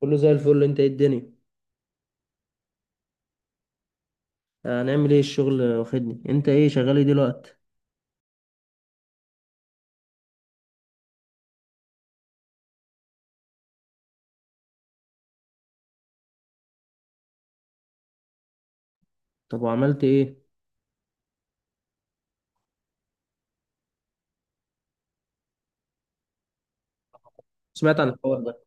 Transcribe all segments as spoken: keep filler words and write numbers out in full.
كله زي الفل. انت ايه الدنيا؟ هنعمل ايه؟ الشغل واخدني. انت ايه شغال ايه دلوقتي؟ طب وعملت ايه؟ سمعت عن الحوار ده.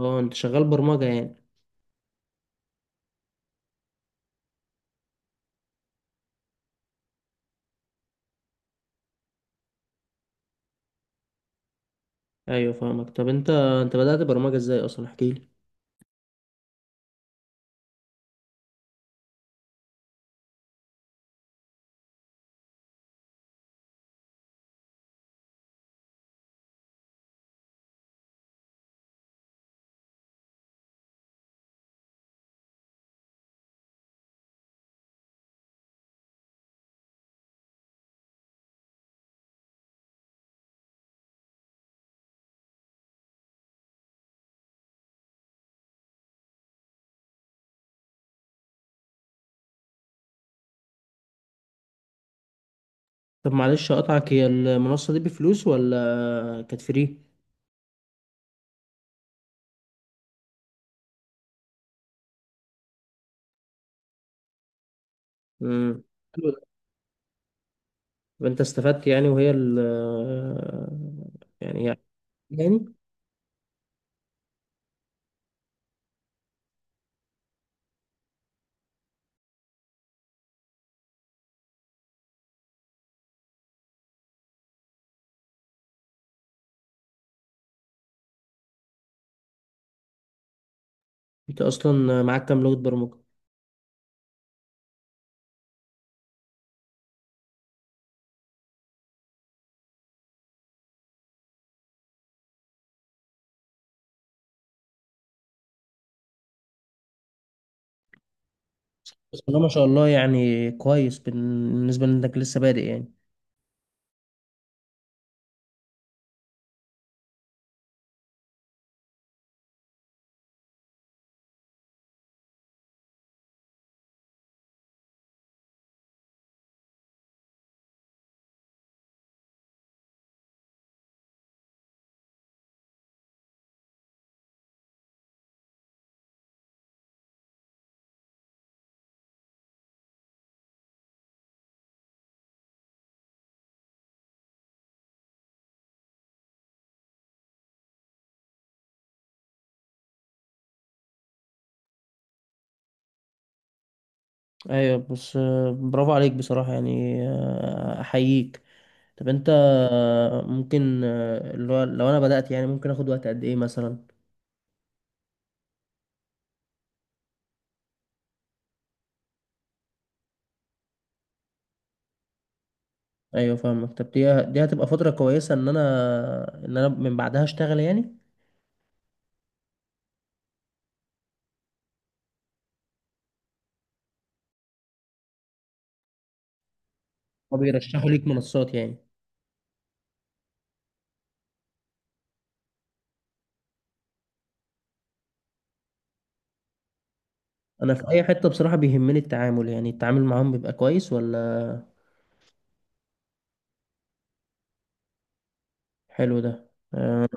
اه، انت شغال برمجة يعني؟ ايوه فاهمك. طب انت انت بدأت برمجة ازاي اصلا؟ احكي لي. طب معلش اقطعك، هي المنصة دي بفلوس ولا كانت فري؟ امم حلو ده. طب انت استفدت يعني، وهي ال يعني يعني يعني انت اصلا معاك كام لغة برمجة؟ بس والله ما شاء الله، يعني كويس بالنسبة لانك لسه بادئ يعني. ايوه، بس آه، برافو عليك بصراحة يعني آه، احييك. طب انت آه، ممكن آه، لو لو انا بدأت يعني ممكن اخد وقت قد ايه مثلا؟ ايوه فاهمك. طب دي دي هتبقى فترة كويسة ان انا ان انا من بعدها اشتغل يعني؟ وبيرشحوا ليك منصات يعني؟ انا في اي حتة بصراحة بيهمني التعامل، يعني التعامل معاهم بيبقى كويس ولا؟ حلو ده. آه،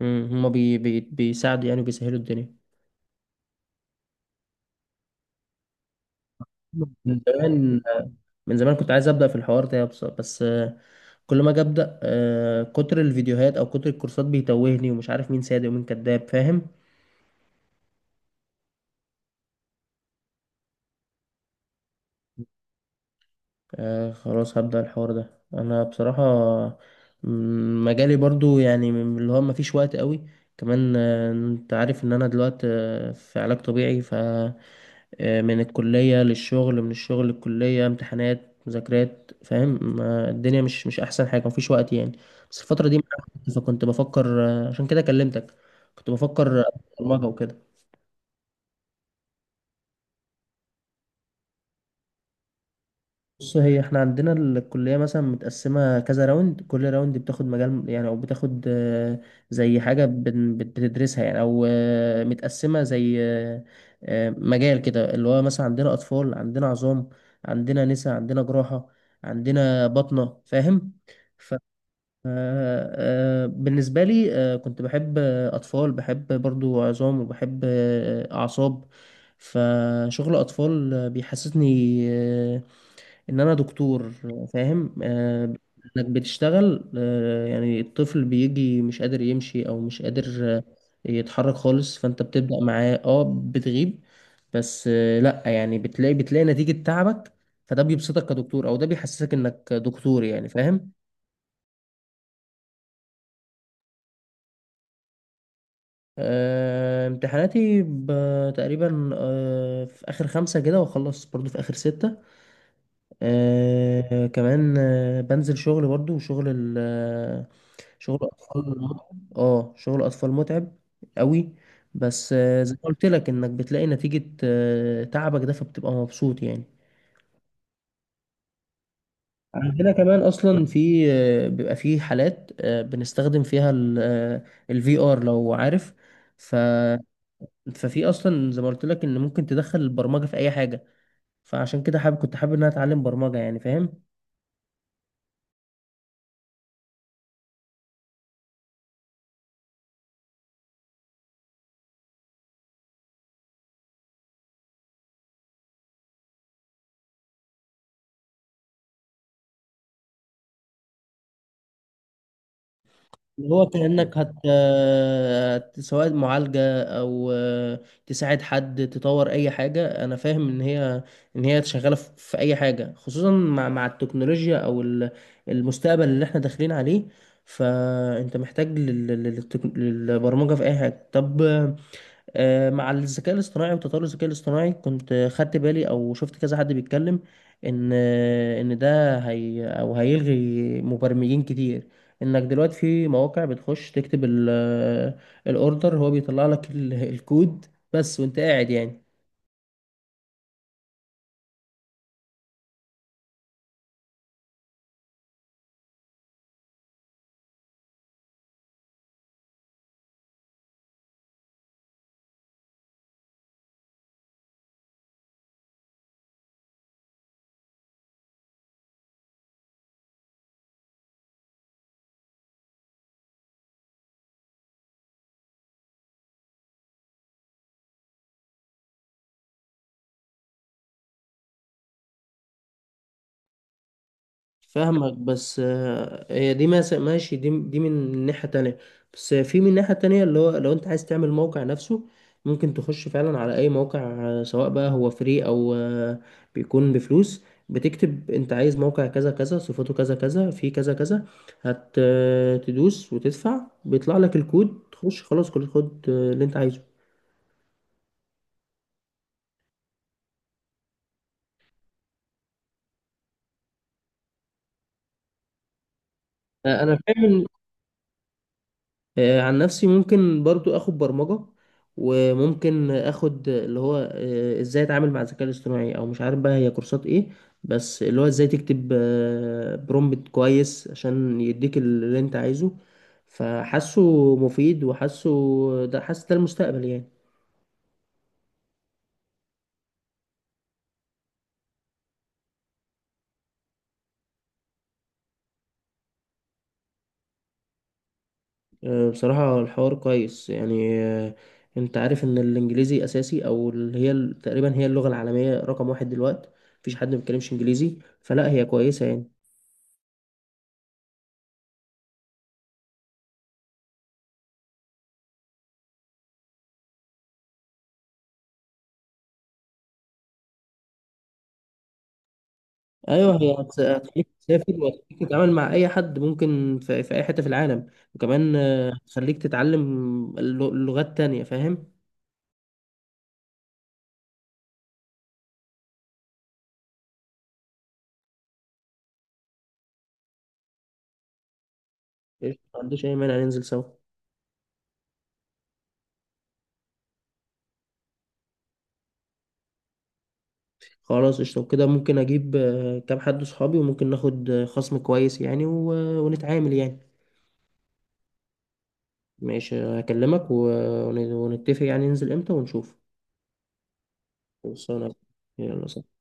مم، هما بي بي بيساعدوا يعني وبيسهلوا الدنيا. من زمان من زمان كنت عايز ابدا في الحوار ده، بس بس، آه، كل ما اجي ابدا آه، كتر الفيديوهات او كتر الكورسات بيتوهني ومش عارف مين صادق ومين كذاب، فاهم؟ آه، خلاص هبدا الحوار ده انا بصراحه. مم، مجالي برضو يعني من اللي هو ما فيش وقت قوي. كمان آه، انت عارف ان انا دلوقتي آه، في علاج طبيعي، ف آه، من الكلية للشغل، من الشغل للكلية، امتحانات مذاكرات، فاهم؟ ما- الدنيا مش مش أحسن حاجة، مفيش وقت يعني. بس الفترة دي، فكنت بفكر آه، عشان كده كلمتك. كنت بفكر أدخل برمجة وكده. بص، هي احنا عندنا الكلية مثلا متقسمة كذا راوند. كل راوند بتاخد مجال يعني، او بتاخد آه، زي حاجة بن- بت- بتدرسها يعني، او آه، متقسمة زي آه، آه، مجال كده اللي هو مثلا عندنا اطفال، عندنا عظام، عندنا نساء، عندنا جراحة، عندنا بطنة، فاهم؟ ف آه، آه، بالنسبة لي، آه، كنت بحب آه، أطفال، بحب برضو عظام، وبحب آه، أعصاب. فشغل أطفال آه، بيحسسني آه، ان انا دكتور، فاهم؟ آه، انك بتشتغل آه، يعني الطفل بيجي مش قادر يمشي، او مش قادر آه، يتحرك خالص، فانت بتبدأ معاه، اه بتغيب بس، آه، لا يعني، بتلاقي بتلاقي نتيجة تعبك. فده بيبسطك كدكتور، او ده بيحسسك انك دكتور يعني، فاهم؟ آه، امتحاناتي ب- تقريبا آه، في اخر خمسة كده، واخلص برضو في اخر ستة. آه، كمان آه، بنزل شغل برضو، وشغل. شغل اطفال. اه، شغل اطفال متعب قوي. بس آه، زي ما قلت لك، انك بتلاقي نتيجة آه، تعبك ده، فبتبقى مبسوط يعني. عندنا كمان اصلا في آه، بيبقى في حالات آه، بنستخدم فيها الفي ار، لو عارف. ف ففي اصلا زي ما قلت لك ان ممكن تدخل البرمجة في اي حاجة، فعشان كده حابب كنت حابب ان انا اتعلم برمجة يعني، فاهم؟ اللي هو كأنك هت هت- سواء معالجة، أو آه، تساعد حد، تطور أي حاجة. أنا فاهم إن هي إن هي شغالة في في أي حاجة، خصوصا مع مع التكنولوجيا، أو ال- المستقبل اللي إحنا داخلين عليه. فأنت محتاج لل- لل- للتك- للبرمجة في أي حاجة. طب آه، مع الذكاء الاصطناعي وتطور الذكاء الاصطناعي، كنت آه، خدت بالي او شفت كذا حد بيتكلم ان آه، ان ده، هي او هيلغي مبرمجين كتير، انك دلوقتي في مواقع بتخش تكتب الاوردر، هو بيطلع لك ال- الكود بس وانت قاعد يعني. فاهمك. بس آه، هي دي مس- ماشي، دي دي من ناحية تانية. بس في من ناحية تانية، اللي هو لو انت عايز تعمل موقع نفسه، ممكن تخش فعلا على اي موقع، آه، سواء بقى هو فري او آه، بيكون بفلوس. بتكتب انت عايز موقع كذا كذا، صفاته كذا كذا، فيه كذا كذا، هت آه، تدوس وتدفع، بيطلع لك الكود. تخش خلاص، كل خد آه، اللي انت عايزه. آه، انا فاهم. آه، عن نفسي ممكن برضو اخد برمجة، وممكن اخد اللي هو آه، ازاي اتعامل مع الذكاء الاصطناعي، او مش عارف بقى هي كورسات ايه. بس اللي هو ازاي تكتب برومبت كويس، عشان يديك اللي انت عايزه. فحاسه مفيد، وحاسه ده حاسس ده المستقبل يعني. آه، بصراحة الحوار كويس يعني آه، انت عارف ان الانجليزي اساسي، او اللي هي ال- تقريبا هي اللغة العالمية رقم واحد دلوقتي. مفيش حد ما بيتكلمش انجليزي. فلا، هي كويسة يعني. ايوه، هي هت- هتخليك تسافر، وهتخليك تتعامل مع اي حد ممكن في, في اي حته في العالم. وكمان آه، هتخليك تتعلم الل- لغات تانية، فاهم؟ قشطة، ما عنديش اي مانع، ننزل سوا. خلاص قشطه، وكده ممكن اجيب آه، كام حد صحابي، وممكن ناخد آه، خصم كويس يعني، و- ونتعامل يعني. ماشي، هكلمك و- ون- ونتفق يعني ننزل امتى ونشوف. خلصانة. يلا، سلام.